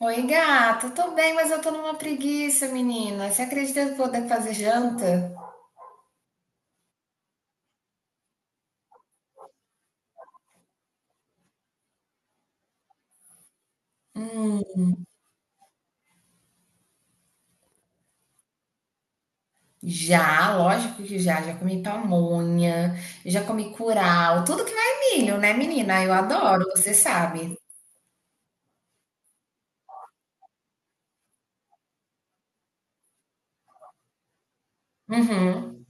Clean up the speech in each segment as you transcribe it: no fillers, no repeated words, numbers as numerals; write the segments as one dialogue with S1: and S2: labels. S1: Oi, gato. Tô bem, mas eu tô numa preguiça, menina. Você acredita que eu vou ter que fazer janta? Hum, já, lógico que já. Já comi pamonha, já comi curau, tudo que vai milho, né, menina? Eu adoro, você sabe. Uhum.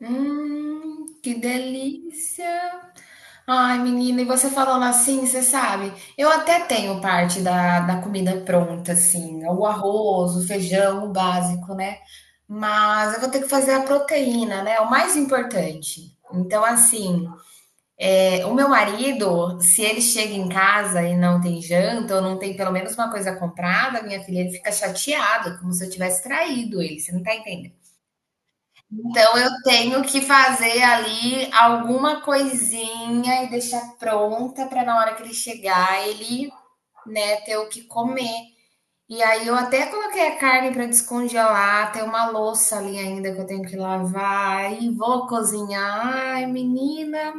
S1: Que delícia. Ai, menina, e você falando assim, você sabe? Eu até tenho parte da comida pronta, assim, o arroz, o feijão, o básico, né? Mas eu vou ter que fazer a proteína, né? O mais importante. Então, assim, o meu marido, se ele chega em casa e não tem janta, ou não tem pelo menos uma coisa comprada, minha filha, ele fica chateado, como se eu tivesse traído ele, você não tá entendendo? Então eu tenho que fazer ali alguma coisinha e deixar pronta para na hora que ele chegar, ele, né, ter o que comer. E aí eu até coloquei a carne para descongelar, tem uma louça ali ainda que eu tenho que lavar e vou cozinhar. Ai, menina.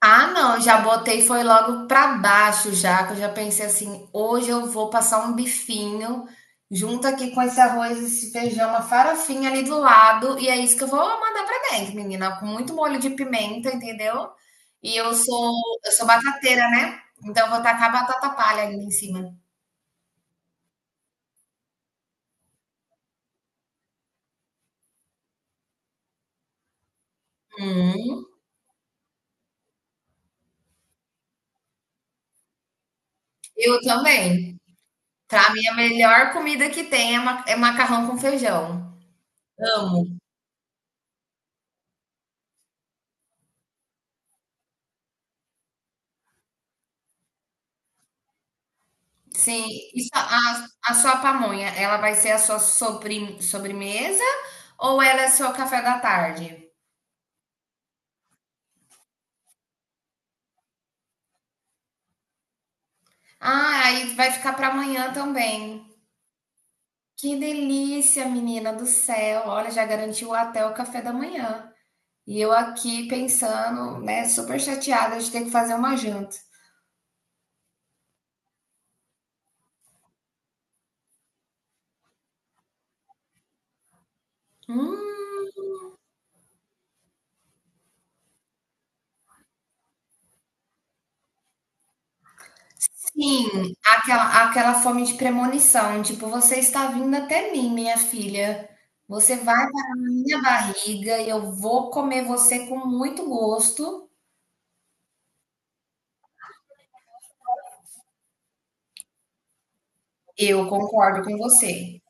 S1: Ah, não, já botei foi logo pra baixo já, que eu já pensei assim, hoje eu vou passar um bifinho junto aqui com esse arroz, esse feijão, uma farofinha ali do lado, e é isso que eu vou mandar pra dentro, menina, com muito molho de pimenta, entendeu? E eu sou eu sou batateira, né? Então eu vou tacar batata palha ainda em cima. Hum, eu também. Pra mim a melhor comida que tem é ma é macarrão com feijão. Amo. Sim, e só- a, a sua pamonha, ela vai ser a sua sobremesa ou ela é seu café da tarde? Ah, aí vai ficar para amanhã também. Que delícia, menina do céu. Olha, já garantiu até o café da manhã. E eu aqui pensando, né, super chateada de ter que fazer uma janta. Hum. Sim, aquela fome de premonição, tipo: "Você está vindo até mim, minha filha. Você vai para na minha barriga e eu vou comer você com muito gosto". Eu concordo com você.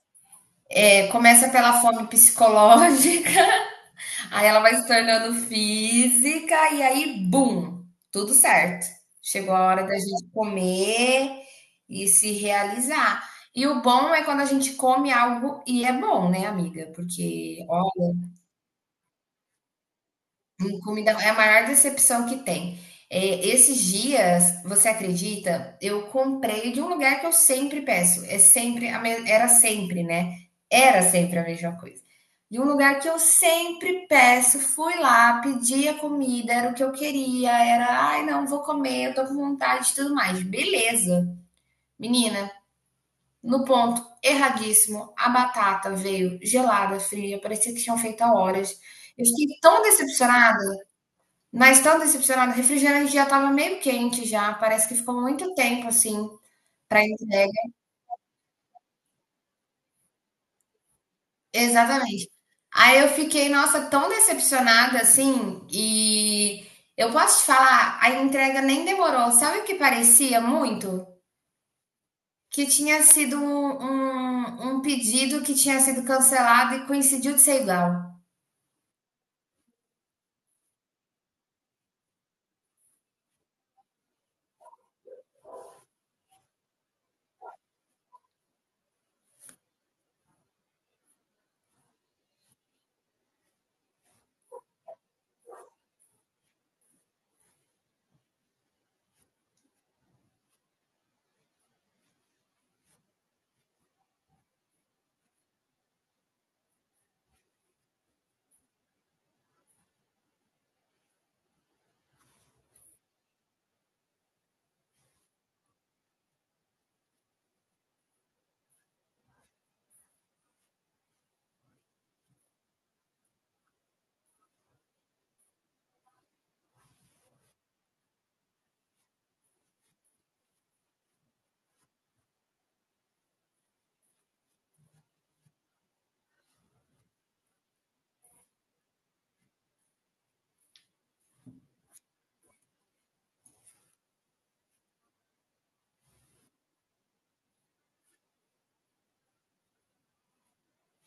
S1: É, começa pela fome psicológica, aí ela vai se tornando física e aí bum, tudo certo. Chegou a hora da gente comer e se realizar. E o bom é quando a gente come algo e é bom, né, amiga, porque, ó. Hum. Comida é a maior decepção que tem. É, esses dias, você acredita? Eu comprei de um lugar que eu sempre peço. Era sempre, né? Era sempre a mesma coisa. De um lugar que eu sempre peço, fui lá, pedi a comida, era o que eu queria, era, ai, não, vou comer, eu tô com vontade e tudo mais. Beleza. Menina, no ponto erradíssimo, a batata veio gelada, fria, parecia que tinham feito há horas. Eu fiquei tão decepcionada. Mas tão decepcionada, o refrigerante já estava meio quente já, parece que ficou muito tempo assim para entrega. Exatamente. Aí eu fiquei, nossa, tão decepcionada assim, e eu posso te falar, a entrega nem demorou. Sabe o que parecia muito? Que tinha sido um um pedido que tinha sido cancelado e coincidiu de ser igual.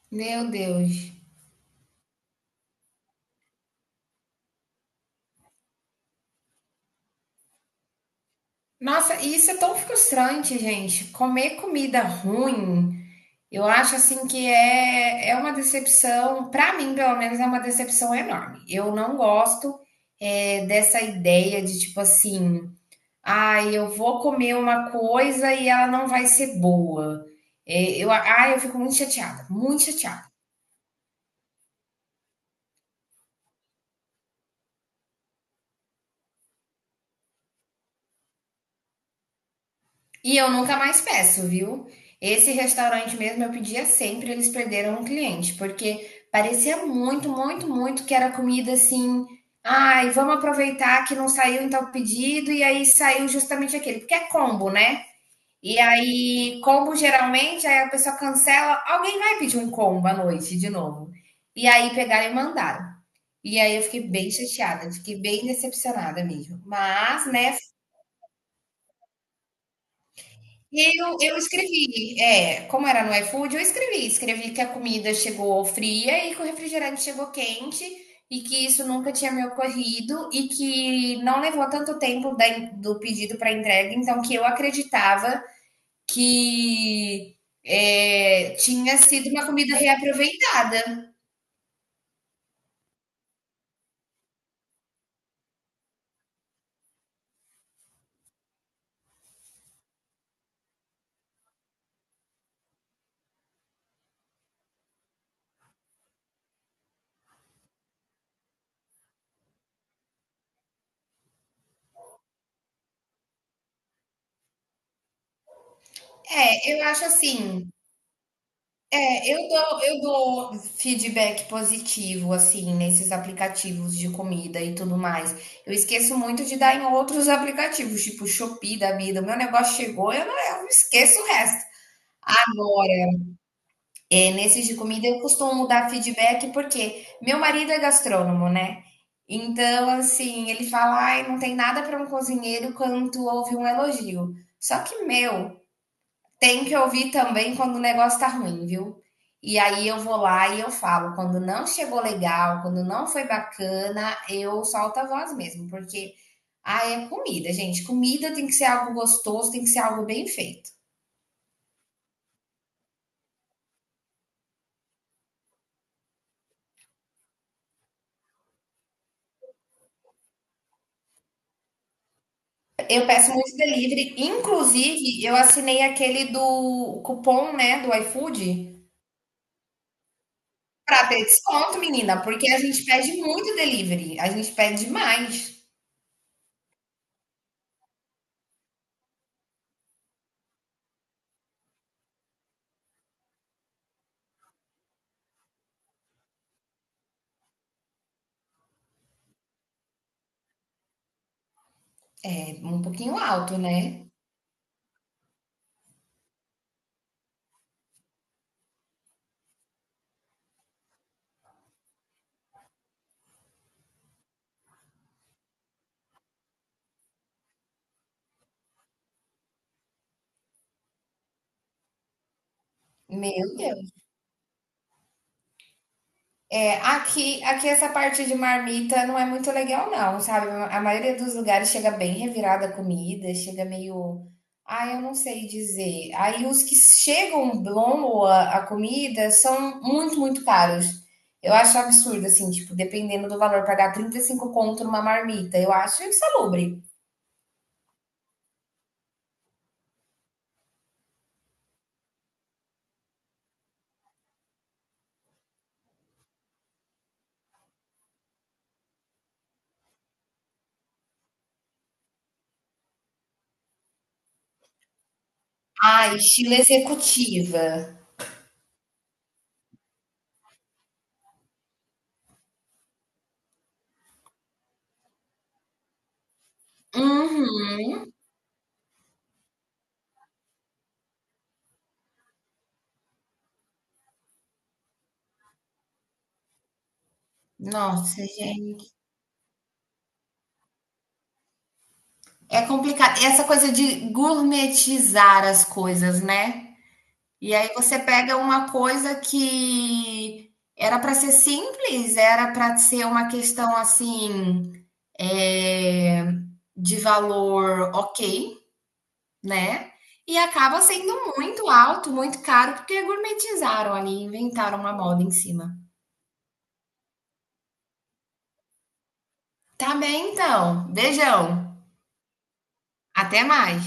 S1: Meu Deus. Nossa, e isso é tão frustrante, gente. Comer comida ruim. Eu acho assim que é uma decepção, para mim, pelo menos, é uma decepção enorme. Eu não gosto dessa ideia de tipo assim, ah, eu vou comer uma coisa e ela não vai ser boa. Eu fico muito chateada, muito chateada. E eu nunca mais peço, viu? Esse restaurante mesmo eu pedia sempre, eles perderam um cliente, porque parecia muito, muito, muito que era comida assim. Ai, vamos aproveitar que não saiu então o pedido, e aí saiu justamente aquele, porque é combo, né? E aí, combo geralmente, aí a pessoa cancela, alguém vai pedir um combo à noite de novo. E aí pegaram e mandaram. E aí eu fiquei bem chateada, fiquei bem decepcionada mesmo. Mas, né. Eu escrevi, é, como era no iFood, eu escrevi, escrevi que a comida chegou fria e que o refrigerante chegou quente e que isso nunca tinha me ocorrido e que não levou tanto tempo da do pedido para entrega, então que eu acreditava que tinha sido uma comida reaproveitada. É, eu acho assim, é, eu dou feedback positivo, assim, nesses aplicativos de comida e tudo mais. Eu esqueço muito de dar em outros aplicativos, tipo Shopee da vida. Meu negócio chegou, eu não eu esqueço o resto. Agora, é, nesses de comida, eu costumo dar feedback porque meu marido é gastrônomo, né. Então, assim, ele fala: "Ai, não tem nada para um cozinheiro quanto ouvir um elogio". Só que, meu, tem que ouvir também quando o negócio tá ruim, viu? E aí eu vou lá e eu falo, quando não chegou legal, quando não foi bacana, eu solto a voz mesmo, porque ah, é comida, gente. Comida tem que ser algo gostoso, tem que ser algo bem feito. Eu peço muito delivery, inclusive eu assinei aquele do cupom, né, do iFood, para ter desconto, menina, porque a gente pede muito delivery, a gente pede demais, é um pouquinho alto, né? Meu Deus. É, aqui essa parte de marmita não é muito legal, não, sabe? A maioria dos lugares chega bem revirada a comida, chega meio. Ah, eu não sei dizer. Aí os que chegam boa a comida são muito, muito caros. Eu acho absurdo, assim, tipo, dependendo do valor, pagar 35 conto numa marmita. Eu acho insalubre. Ah, estilo executiva. Uhum. Nossa, gente. É complicado. Essa coisa de gourmetizar as coisas, né? E aí você pega uma coisa que era para ser simples, era para ser uma questão assim, é, de valor ok, né? E acaba sendo muito alto, muito caro, porque gourmetizaram ali, inventaram uma moda em cima. Tá bem, então. Beijão. Até mais.